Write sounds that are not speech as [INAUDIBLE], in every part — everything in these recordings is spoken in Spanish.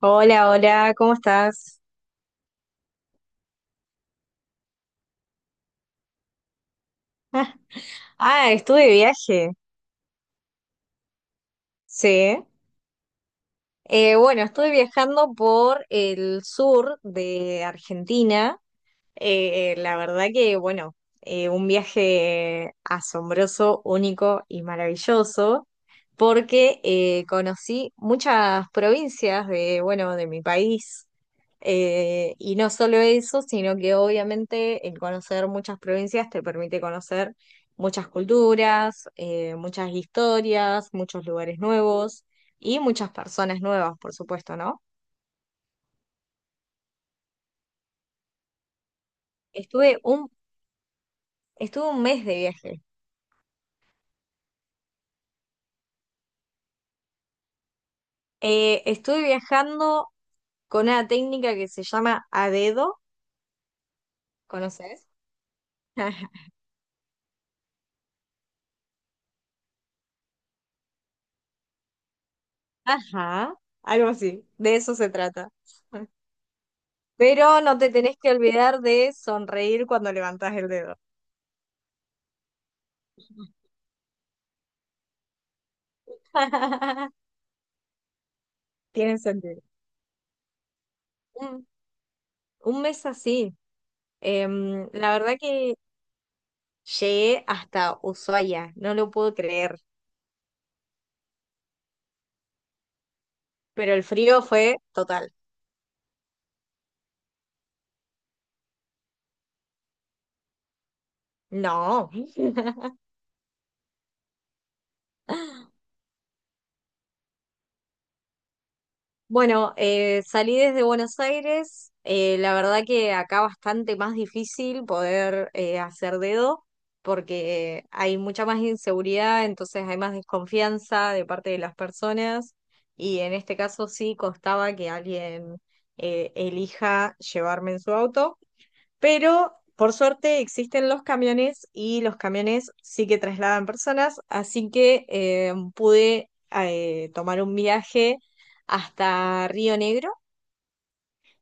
Hola, hola, ¿cómo estás? Estuve de viaje, sí. Bueno, estuve viajando por el sur de Argentina. La verdad que, bueno, un viaje asombroso, único y maravilloso, porque conocí muchas provincias de, bueno, de mi país. Y no solo eso, sino que obviamente el conocer muchas provincias te permite conocer muchas culturas, muchas historias, muchos lugares nuevos y muchas personas nuevas, por supuesto, ¿no? Estuve un, estuve un mes de viaje. Estuve viajando con una técnica que se llama a dedo, ¿conoces? [LAUGHS] Ajá, algo así, de eso se trata. Pero no te tenés que olvidar de sonreír cuando levantás el dedo. [LAUGHS] Tiene sentido. Un, un mes así. La verdad que llegué hasta Ushuaia, no lo puedo creer, pero el frío fue total. No. [LAUGHS] Bueno, salí desde Buenos Aires. La verdad que acá bastante más difícil poder hacer dedo, porque hay mucha más inseguridad, entonces hay más desconfianza de parte de las personas y en este caso sí costaba que alguien elija llevarme en su auto. Pero por suerte existen los camiones y los camiones sí que trasladan personas, así que pude tomar un viaje hasta Río Negro.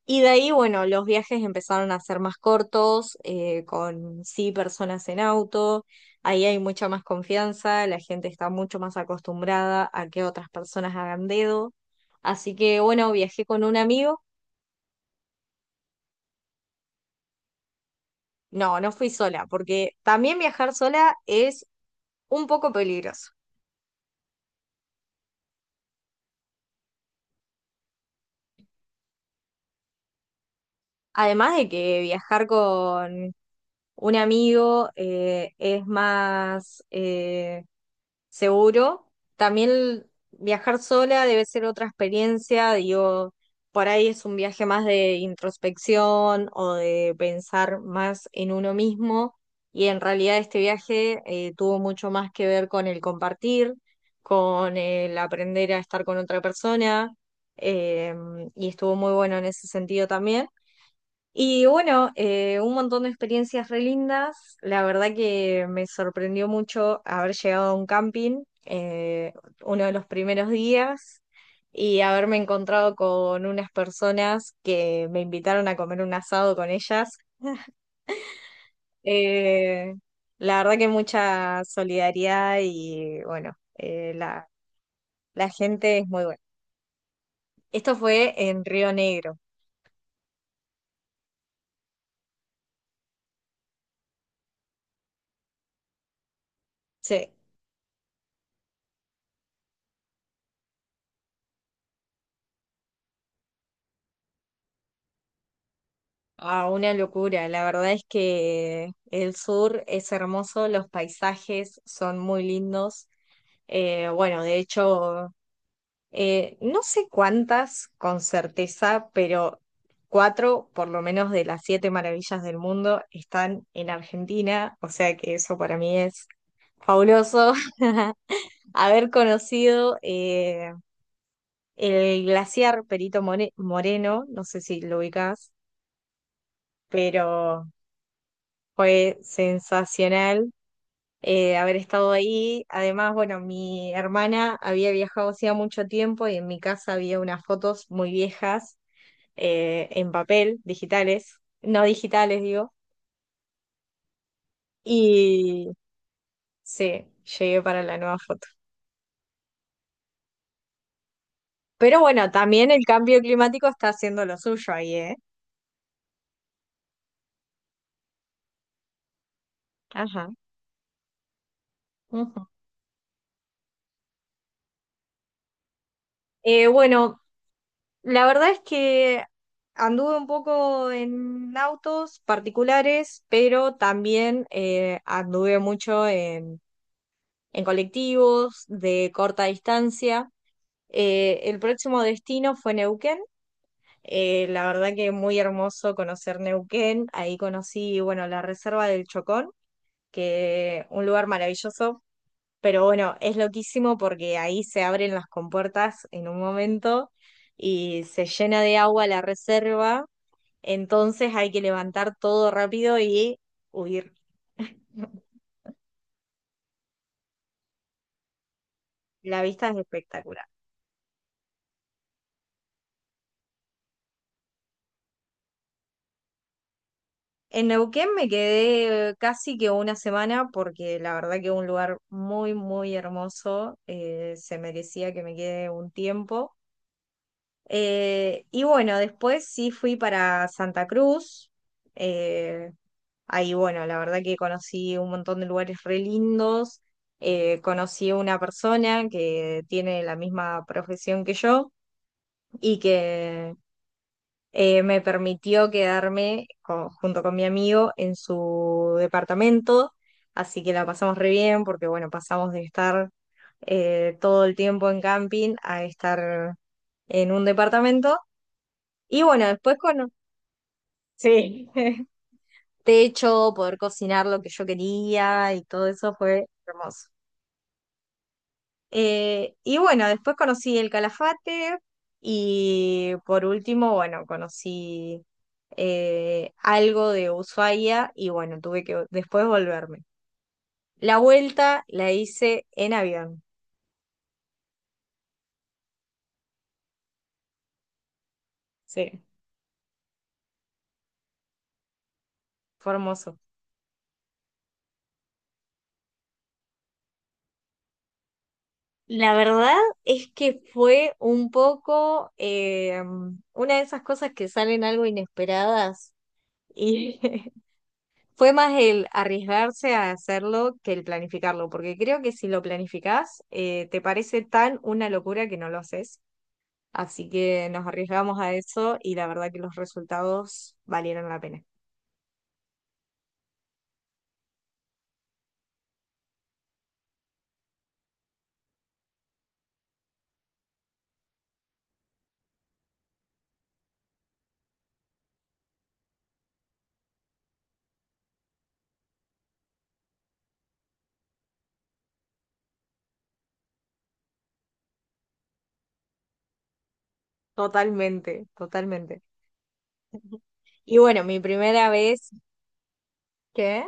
Y de ahí, bueno, los viajes empezaron a ser más cortos, con sí personas en auto, ahí hay mucha más confianza, la gente está mucho más acostumbrada a que otras personas hagan dedo. Así que, bueno, viajé con un amigo. No, no fui sola, porque también viajar sola es un poco peligroso. Además de que viajar con un amigo es más seguro, también viajar sola debe ser otra experiencia, digo, por ahí es un viaje más de introspección o de pensar más en uno mismo y en realidad este viaje tuvo mucho más que ver con el compartir, con el aprender a estar con otra persona. eh, y estuvo muy bueno en ese sentido también. Y bueno, un montón de experiencias re lindas. La verdad que me sorprendió mucho haber llegado a un camping, uno de los primeros días, y haberme encontrado con unas personas que me invitaron a comer un asado con ellas. Eh, la verdad que mucha solidaridad y bueno, la gente es muy buena. Esto fue en Río Negro. Sí. Ah, una locura. La verdad es que el sur es hermoso, los paisajes son muy lindos. Bueno, de hecho, no sé cuántas con certeza, pero cuatro por lo menos de las siete maravillas del mundo están en Argentina, o sea que eso para mí es fabuloso. [LAUGHS] Haber conocido el glaciar Moreno, no sé si lo ubicás, pero... Fue sensacional haber estado ahí. Además, bueno, mi hermana había viajado hacía mucho tiempo y en mi casa había unas fotos muy viejas, en papel, digitales, no digitales, digo. Y sí, llegué para la nueva foto. Pero bueno, también el cambio climático está haciendo lo suyo ahí, ¿eh? Ajá. Ujú. Bueno, la verdad es que anduve un poco en autos particulares, pero también anduve mucho en colectivos de corta distancia. El próximo destino fue Neuquén. La verdad que muy hermoso conocer Neuquén. Ahí conocí, bueno, la Reserva del Chocón, que un lugar maravilloso. Pero bueno, es loquísimo porque ahí se abren las compuertas en un momento y se llena de agua la reserva, entonces hay que levantar todo rápido y huir. La vista es espectacular. En Neuquén me quedé casi que una semana porque la verdad que es un lugar muy, muy hermoso. Se merecía que me quede un tiempo. Y bueno, después sí fui para Santa Cruz. eh, Ahí bueno, la verdad que conocí un montón de lugares re lindos. Conocí a una persona que tiene la misma profesión que yo y que me permitió quedarme junto con mi amigo en su departamento, así que la pasamos re bien porque bueno, pasamos de estar todo el tiempo en camping a estar en un departamento y bueno, después con... Sí, [LAUGHS] techo, poder cocinar lo que yo quería y todo eso fue hermoso. Y bueno, después conocí el Calafate y por último, bueno, conocí algo de Ushuaia y bueno, tuve que después volverme. La vuelta la hice en avión. Sí, fue hermoso. La verdad es que fue un poco una de esas cosas que salen algo inesperadas y [LAUGHS] fue más el arriesgarse a hacerlo que el planificarlo, porque creo que si lo planificás, te parece tan una locura que no lo haces. Así que nos arriesgamos a eso y la verdad que los resultados valieron la pena. Totalmente, totalmente. Y bueno, mi primera vez, ¿qué?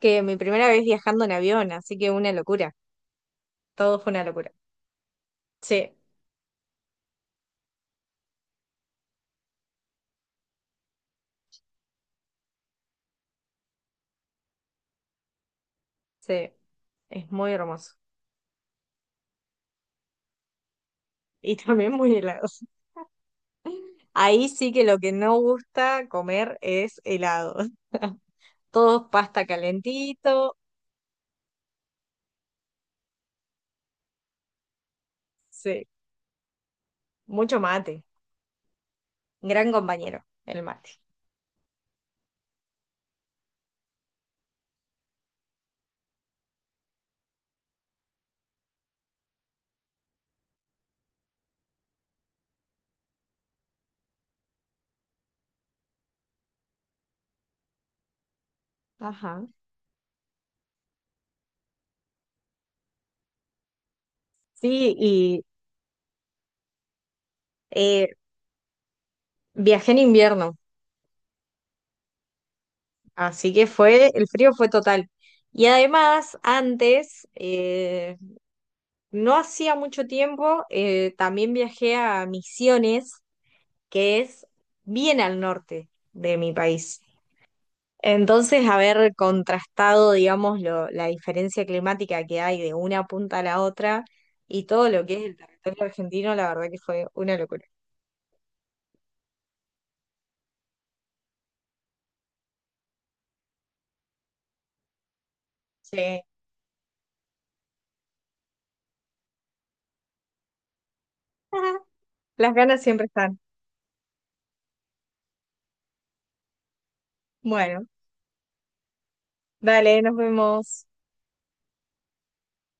Que mi primera vez viajando en avión, así que una locura. Todo fue una locura. Sí, sí, es muy hermoso. Y [LAUGHS] también muy helado. Ahí sí que lo que no gusta comer es helado. [LAUGHS] Todo pasta calentito. Sí, mucho mate. Gran compañero, el mate. Ajá. Sí, y eh, viajé en invierno, así que fue, el frío fue total. Y además, antes, no hacía mucho tiempo, también viajé a Misiones, que es bien al norte de mi país. Entonces, haber contrastado, digamos, la diferencia climática que hay de una punta a la otra y todo lo que es el territorio argentino, la verdad que fue una locura. Sí. [LAUGHS] Las ganas siempre están. Bueno, dale, nos vemos.